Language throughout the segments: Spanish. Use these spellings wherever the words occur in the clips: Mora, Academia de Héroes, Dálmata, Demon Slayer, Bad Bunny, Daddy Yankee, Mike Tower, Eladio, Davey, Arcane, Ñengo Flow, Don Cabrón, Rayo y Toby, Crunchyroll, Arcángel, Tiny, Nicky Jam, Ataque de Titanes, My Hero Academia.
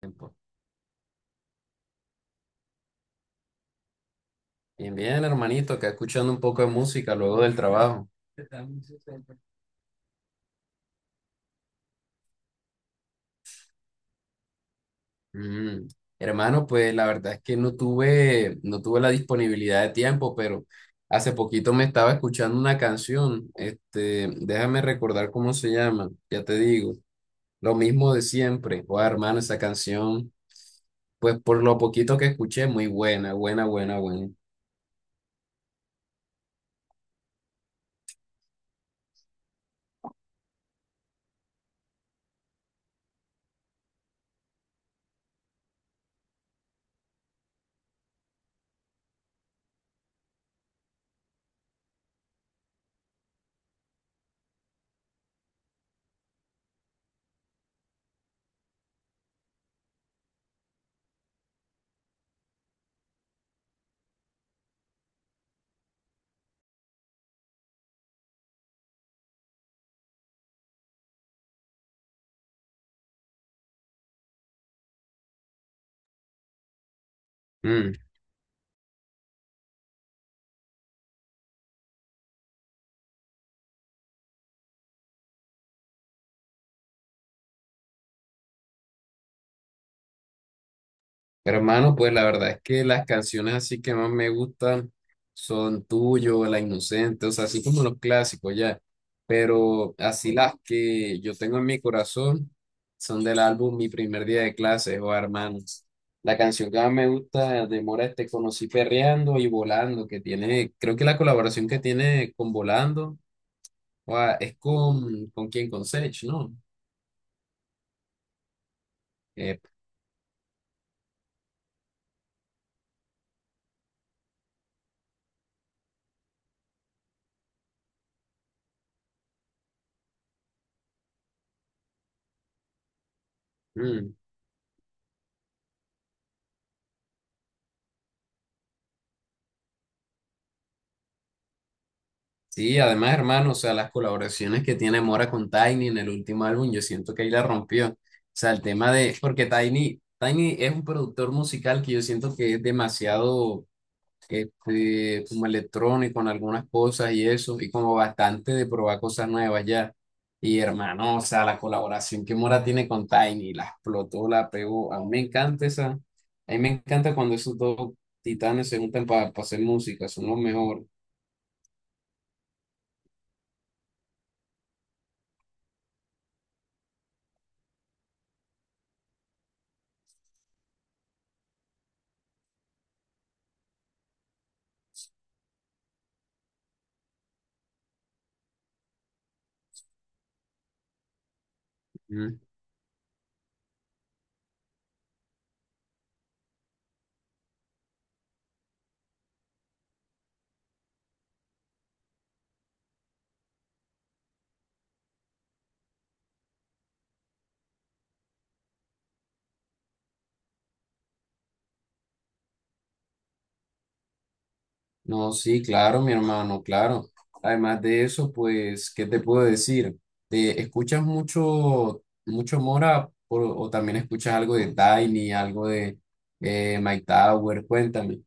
Tiempo. Bien, bien, hermanito, acá escuchando un poco de música luego del trabajo. Mm. Hermano, pues la verdad es que no tuve la disponibilidad de tiempo, pero hace poquito me estaba escuchando una canción. Déjame recordar cómo se llama, ya te digo. Lo mismo de siempre. Oh, hermano, esa canción, pues por lo poquito que escuché, muy buena, buena, buena, buena. Mm. Hermano, pues la verdad es que las canciones así que más me gustan son Tuyo, La Inocente, o sea, así como los clásicos ya, pero así las que yo tengo en mi corazón son del álbum Mi Primer Día de Clases o hermanos. La canción que más me gusta de Mora Te Conocí Perreando y Volando, que tiene, creo que la colaboración que tiene con Volando, o es ¿con quién? Con Sech, ¿no? Eh, mm, sí, además, hermano, o sea, las colaboraciones que tiene Mora con Tiny en el último álbum, yo siento que ahí la rompió. O sea, el tema de, porque Tiny, Tiny es un productor musical que yo siento que es demasiado como electrónico en algunas cosas y eso, y como bastante de probar cosas nuevas ya. Y hermano, o sea, la colaboración que Mora tiene con Tiny, la explotó, la pegó. A mí me encanta esa, a mí me encanta cuando esos dos titanes se juntan para hacer música, son los mejores. No, sí, claro, mi hermano, claro. Además de eso, pues, ¿qué te puedo decir? ¿Te escuchas mucho, mucho Mora por- o también escuchas algo de Tiny, algo de Mike Tower? Cuéntame.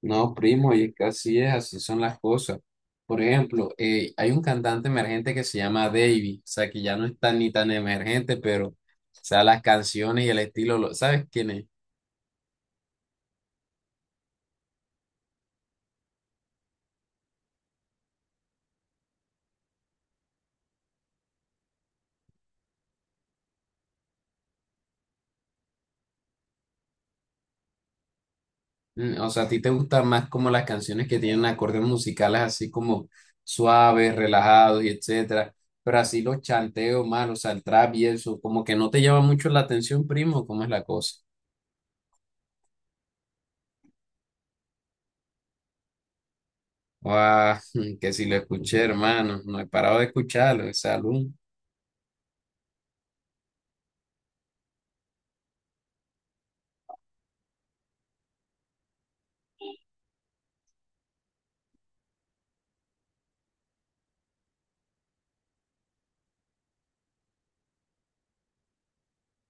No, primo, y es que así es, así son las cosas. Por ejemplo, hay un cantante emergente que se llama Davey, o sea, que ya no es tan ni tan emergente, pero, o sea, las canciones y el estilo, ¿sabes quién es? Mm, o sea, ¿a ti te gustan más como las canciones que tienen acordes musicales así como suaves, relajados y etcétera? Pero así los chanteos más, o sea, el trap y eso, como que no te llama mucho la atención, primo, ¿cómo es la cosa? Ah, que si lo escuché, hermano, no he parado de escucharlo, ese álbum,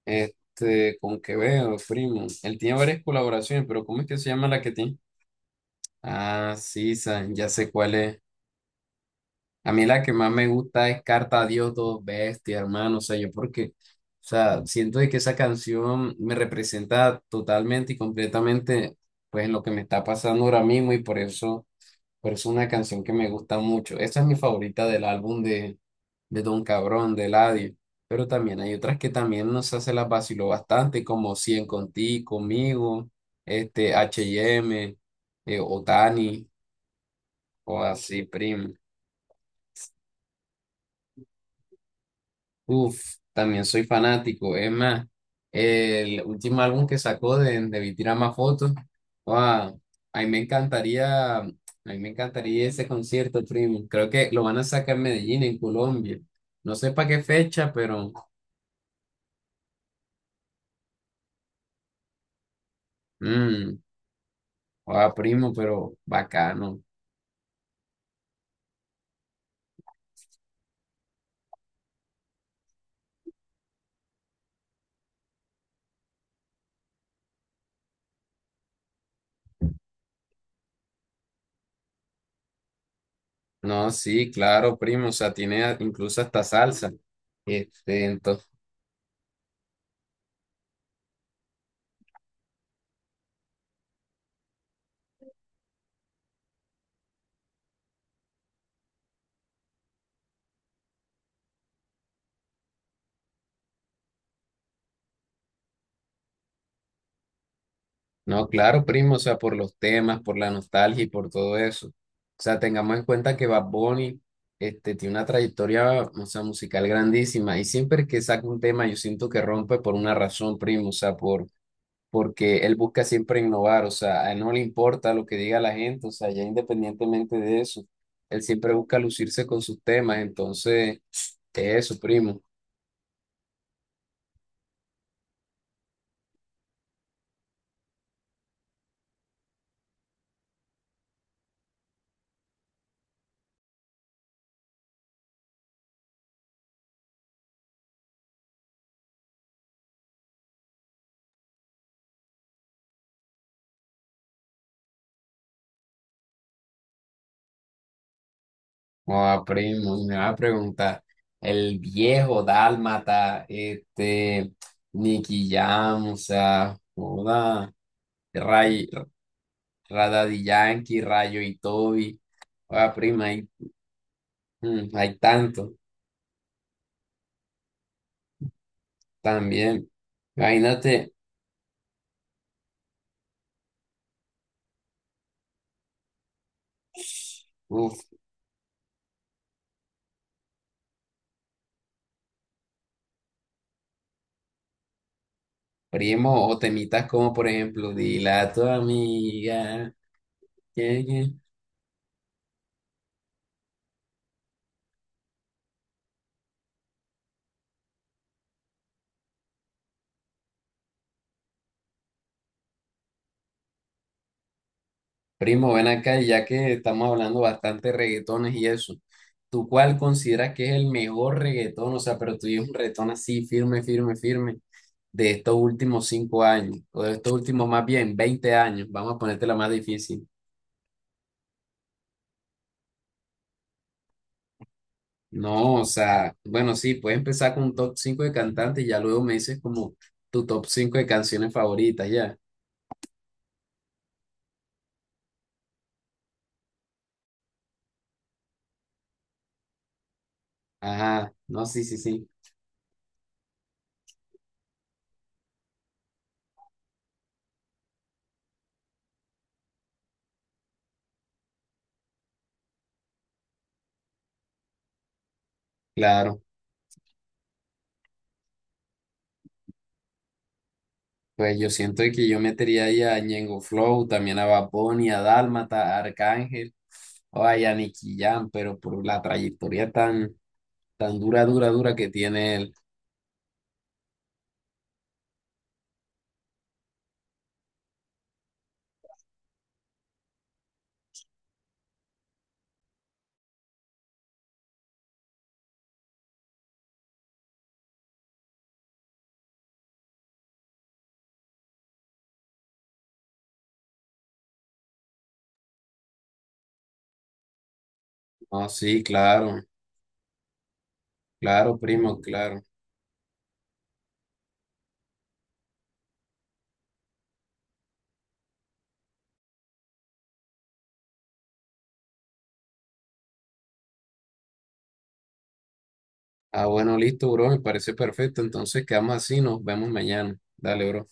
con qué veo, primo. Él tiene varias colaboraciones, pero ¿cómo es que se llama la que tiene? Ah, sí, San, ya sé cuál es. A mí la que más me gusta es Carta a Dios, dos bestia, hermano. O sea, yo porque, o sea, siento de que esa canción me representa totalmente y completamente, pues, lo que me está pasando ahora mismo y por eso es una canción que me gusta mucho. Esa es mi favorita del álbum de Don Cabrón, de Eladio. Pero también hay otras que también nos hace las vaciló bastante, como Cien Contigo, Conmigo, H&M, Otani, o así, primo. Uf, también soy fanático. Es más, el último álbum que sacó de Vi Tira Más Fotos, wow, a mí me encantaría, a mí me encantaría ese concierto, primo. Creo que lo van a sacar en Medellín, en Colombia. No sé para qué fecha, pero, mmm, guau, primo, pero bacano. No, sí, claro, primo, o sea, tiene incluso hasta salsa. Este, No, claro, primo, o sea, por los temas, por la nostalgia y por todo eso. O sea, tengamos en cuenta que Bad Bunny, tiene una trayectoria, o sea, musical grandísima y siempre que saca un tema yo siento que rompe por una razón, primo, o sea, por, porque él busca siempre innovar, o sea, a él no le importa lo que diga la gente, o sea, ya independientemente de eso, él siempre busca lucirse con sus temas, entonces, eso, primo. Joda, primo, me va a preguntar, el viejo dálmata, Nicky Jam, o sea, joda, Ray, Daddy Yankee, Rayo y Toby, joda, prima, hay tanto, también, imagínate, uf, primo, o temitas como, por ejemplo, dile a tu amiga. Primo, ven acá, y ya que estamos hablando bastante de reggaetones y eso, ¿tú cuál consideras que es el mejor reggaetón? O sea, pero tú dices un reggaetón así, firme, firme, firme, de estos últimos 5 años, o de estos últimos más bien 20 años, vamos a ponerte la más difícil. No, o sea, bueno, sí, puedes empezar con un top 5 de cantantes y ya luego me dices como tu top 5 de canciones favoritas, ya. Ajá, no, sí, sí, sí, claro. Pues yo siento que yo metería ahí a Ñengo Flow, también a Bad Bunny, a Dálmata, a Arcángel, o a Nicky Jam, pero por la trayectoria tan, tan dura, dura, dura que tiene él. No, sí, claro, claro, primo, claro. Ah, bueno, listo, bro, me parece perfecto. Entonces quedamos así, nos vemos mañana. Dale, bro.